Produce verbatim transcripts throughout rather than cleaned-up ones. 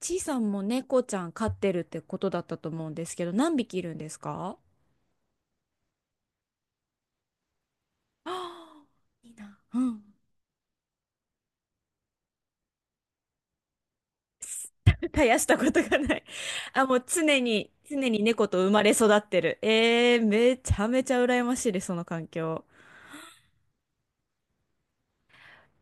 ちいさんも猫ちゃん飼ってるってことだったと思うんですけど、何匹いるんですか？あー いいな。うん。絶やしたことがない。あ、もう常に、常に猫と生まれ育ってる。えー、めちゃめちゃ羨ましいです、その環境。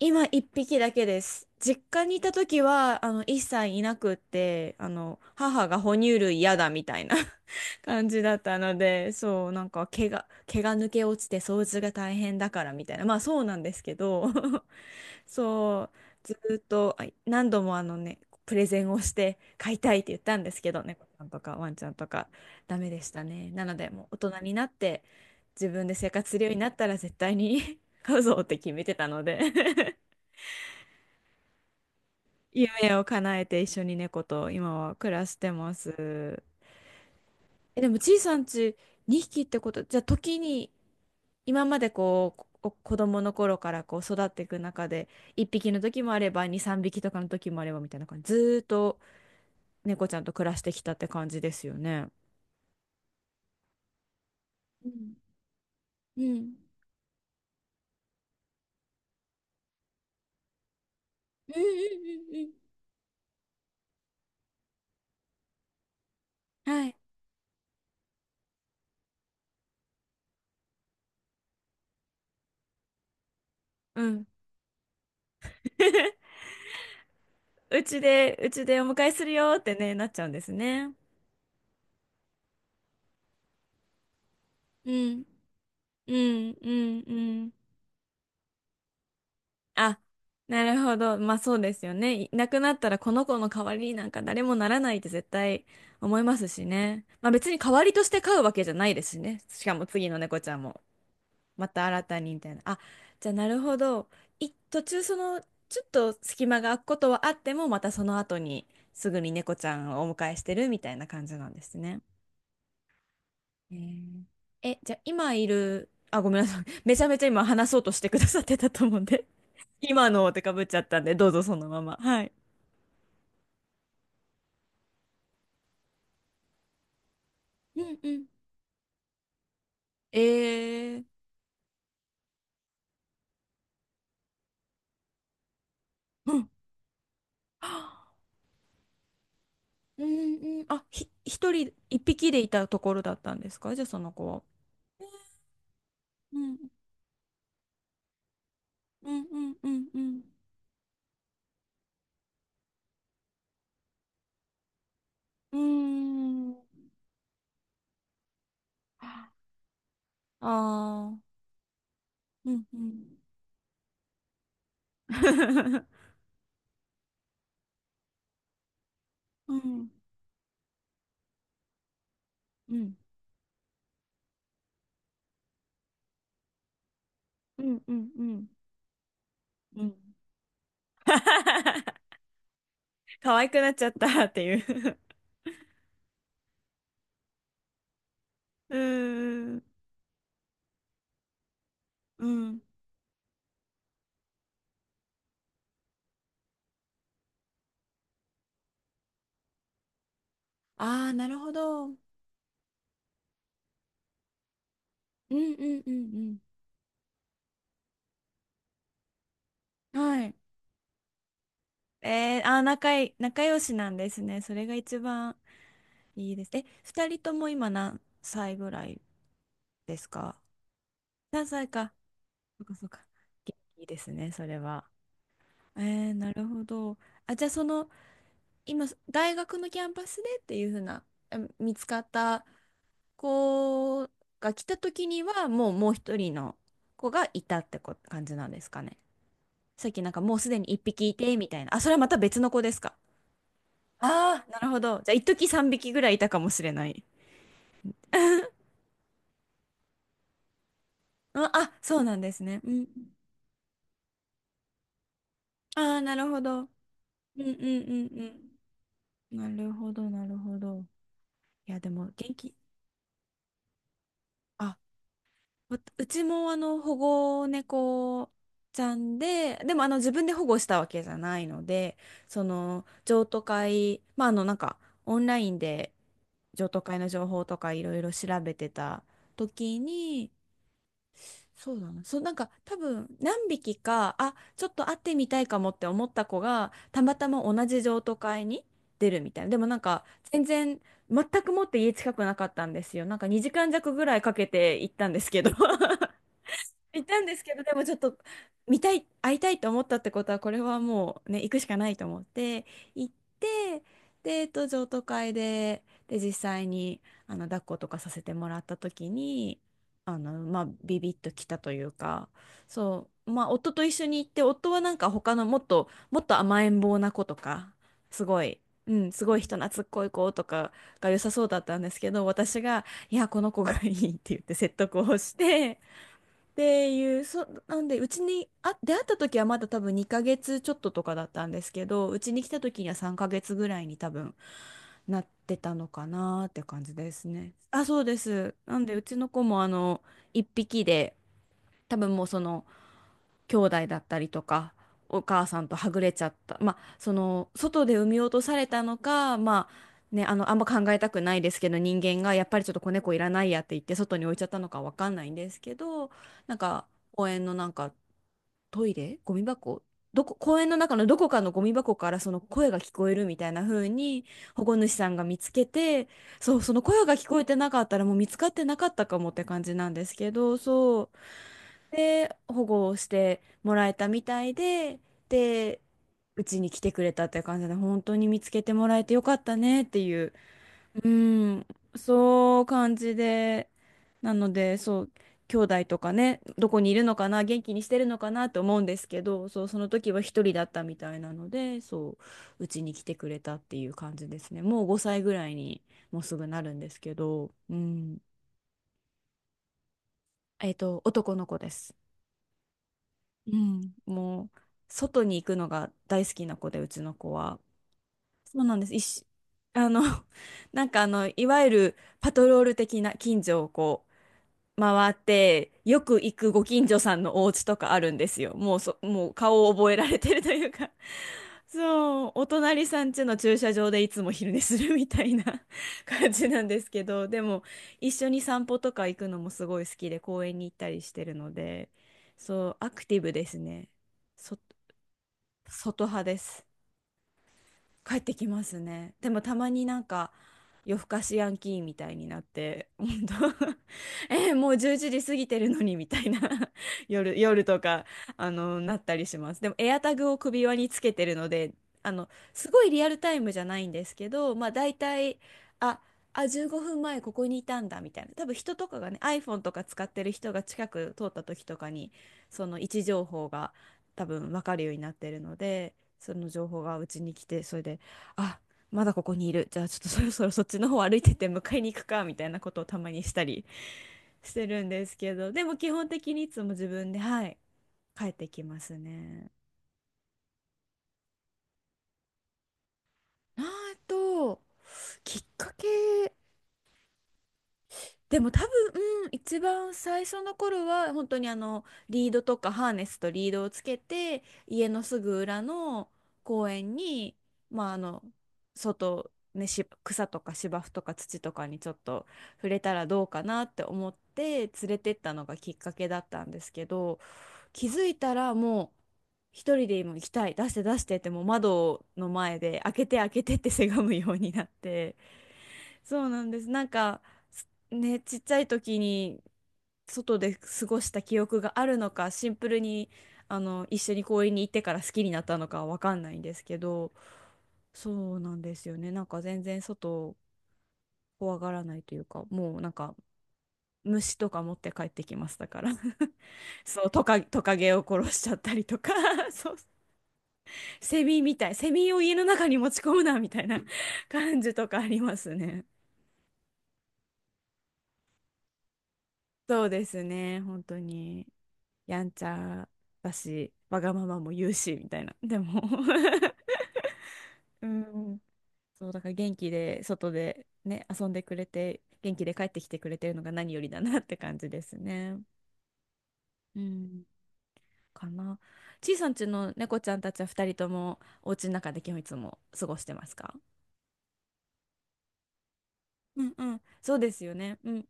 今一匹だけです。実家にいた時は、あの、一切いなくって、あの、母が哺乳類嫌だみたいな 感じだったので、そう、なんか毛が、毛が抜け落ちて掃除が大変だからみたいな。まあそうなんですけど。そう、ずーっとあ何度もあのね、プレゼンをして飼いたいって言ったんですけどね、猫ちゃんとかワンちゃんとかダメでしたね。なので、もう大人になって自分で生活するようになったら絶対に 飼うぞって決めてたので 夢を叶えて一緒に猫と今は暮らしてます。え、でもちいさんちにひきってこと、じゃあ時に今までこう、お子供の頃からこう育っていく中でいっぴきの時もあればに、さんびきとかの時もあればみたいな感じ。ずーっと猫ちゃんと暮らしてきたって感じですよね。うん。うん。うんうんうんうん。はい。うん。うちで、うちでお迎えするよってね、なっちゃうんですね。うん。うんうんうん。あ、なるほど。まあそうですよね。いなくなったらこの子の代わりになんか誰もならないって絶対思いますしね。まあ別に代わりとして飼うわけじゃないですしね。しかも次の猫ちゃんも。また新たにみたいな。あ、じゃあなるほど。い、途中そのちょっと隙間が空くことはあってもまたその後にすぐに猫ちゃんをお迎えしてるみたいな感じなんですね。えーえ、じゃあ今いる、あ、ごめんなさい。めちゃめちゃ今話そうとしてくださってたと思うんで。今のってかぶっちゃったんで、どうぞそのまま。はい。うんうん。えー、うん。はあうんうん。あ、ひ、一人、一匹でいたところだったんですかじゃあその子は？うんうんうんうんうん。うーん。ああ、うん、うん。うん、うん、うん、うん、うん。うん 可愛くなっちゃったっていううーん。うん。ああ、なるほど。うん、うん、うん、うん。はい。えー、あー、仲い、仲良しなんですね。それが一番いいです。え、二人とも今何歳ぐらいですか？何歳か。そっかそっか。元気ですね、それは。えー、なるほど。あ、じゃあその今、大学のキャンパスでっていうふうな、あ見つかった子が来た時には、もうもう一人の子がいたってこ感じなんですかね？さっきなんかもうすでに一匹いて、みたいな。あ、それはまた別の子ですか？ああ、なるほど。じゃあ、一時三匹ぐらいいたかもしれない。あ、あそうなんですね。うん。ああ、なるほど。うんうんうんうん。なるほど、なるほど。いや、でも、元気。あわうちもあの保護猫ちゃんで、でもあの自分で保護したわけじゃないので、その譲渡会、まああのなんかオンラインで譲渡会の情報とかいろいろ調べてた時に、そうだな、そうなんか多分何匹か、あ、ちょっと会ってみたいかもって思った子が、たまたま同じ譲渡会に出るみたいな。でもなんか全然全くもって家近くなかったんですよ。なんかにじかん弱ぐらいかけて行ったんですけど 行ったんですけど、でもちょっと見たい、会いたいと思ったってことは、これはもうね、行くしかないと思って、行って、で、えっと、譲渡会で、で、実際に、あの、抱っことかさせてもらった時に、あの、まあ、ビビッときたというか、そう、まあ、夫と一緒に行って、夫はなんか他のもっと、もっと甘えん坊な子とか、すごい、うん、すごい人懐っこい子とかが良さそうだったんですけど、私が、いや、この子がいいって言って説得をして、っていう、そ、なんで、うちに、あ、出会った時はまだ多分にかげつちょっととかだったんですけど、うちに来た時にはさんかげつぐらいに多分なってたのかなって感じですね。あ、そうです。なんで、うちの子もあの、いっぴきで、多分もうその、兄弟だったりとかお母さんとはぐれちゃったまあその外で産み落とされたのかまあねあのあんま考えたくないですけど人間がやっぱりちょっと子猫いらないやって言って外に置いちゃったのかわかんないんですけどなんか公園のなんかトイレゴミ箱どこ公園の中のどこかのゴミ箱からその声が聞こえるみたいな風に保護主さんが見つけてそうその声が聞こえてなかったらもう見つかってなかったかもって感じなんですけどそうで、保護をしてもらえたみたいで、で、うちに来てくれたって感じで、本当に見つけてもらえてよかったねっていう、うん、そう感じで、なので、そう、兄弟とかね、どこにいるのかな、元気にしてるのかなと思うんですけど、そう、その時は一人だったみたいなので、そう、うちに来てくれたっていう感じですね。もうごさいぐらいにもうすぐなるんですけど、うん、えっと、男の子です。うん、もう外に行くのが大好きな子でうちの子はそうなんです一緒あの なんかあのいわゆるパトロール的な近所をこ回って、よく行くご近所さんのお家とかあるんですよ。もうそ、もう顔を覚えられてるというか そう、お隣さん家の駐車場でいつも昼寝するみたいな 感じなんですけど、でも一緒に散歩とか行くのもすごい好きで公園に行ったりしてるので、そう、アクティブですね。そ、外派です。帰ってきますね。でもたまになんか夜更かしヤンキーみたいになって、本当 えーもうじゅういちじ過ぎてるのにみたいな 夜、夜とか、あの、なったりします。でもエアタグを首輪につけてるので、あの、すごいリアルタイムじゃないんですけど、まあ大体、あ、あ、じゅうごふんまえここにいたんだみたいな。多分人とかがね、アイフォン とか使ってる人が近く通った時とかに、その位置情報が多分分かるようになってるので、その情報がうちに来てそれであまだここにいるじゃあちょっと そろそろそっちの方歩いてって迎えに行くかみたいなことをたまにしたり してるんですけどでも基本的にいつも自分ではい帰ってきますね。あと、きっかけでも多分、うん一番最初の頃は本当にあのリードとかハーネスとリードをつけて家のすぐ裏の公園に、まあ、あの外、ね、し草とか芝生とか土とかにちょっと触れたらどうかなって思って連れてったのがきっかけだったんですけど気づいたらもう一人で今行きたい出して出してってもう窓の前で開けて開けてってせがむようになって。そうなんです。なんか、すね、ちっちゃい時に外で過ごした記憶があるのか、シンプルにあの一緒に公園に行ってから好きになったのかはわかんないんですけど、そうなんですよね。なんか全然外を怖がらないというか、もうなんか虫とか持って帰ってきましたから。そう、トカ、トカゲを殺しちゃったりとか、そう、セミみたい、セミを家の中に持ち込むなみたいな感じとかありますね。そうですね、本当に。やんちゃだし、わがままも言うし、みたいな。でも うん。そう、だから元気で、外でね、遊んでくれて、元気で帰ってきてくれてるのが何よりだなって感じですね。うん。かな。ちいさんちの猫ちゃんたちは二人とも、お家の中で基本いつも過ごしてますか？うんうん。そうですよね。うん。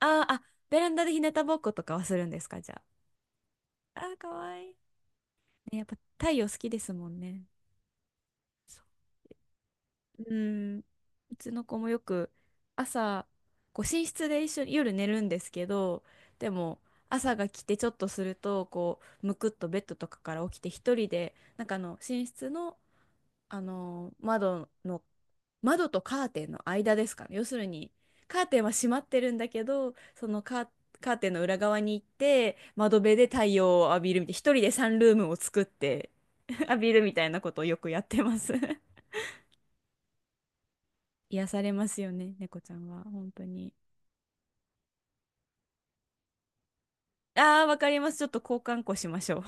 あーあ、ベランダで日向ぼっことかはするんですか、じゃあ？あー、かわいい。ね、やっぱ太陽好きですもんね。うん、うちの子もよく朝こう寝室で一緒に夜寝るんですけどでも朝が来てちょっとするとこうむくっとベッドとかから起きて一人でなんかあの寝室の、あの窓の窓とカーテンの間ですかね要するにカーテンは閉まってるんだけどそのカー、カーテンの裏側に行って窓辺で太陽を浴びるみたいな一人でサンルームを作って 浴びるみたいなことをよくやってます癒されますよね、猫ちゃんは。本当に。ああ、わかります。ちょっと交換個しましょう。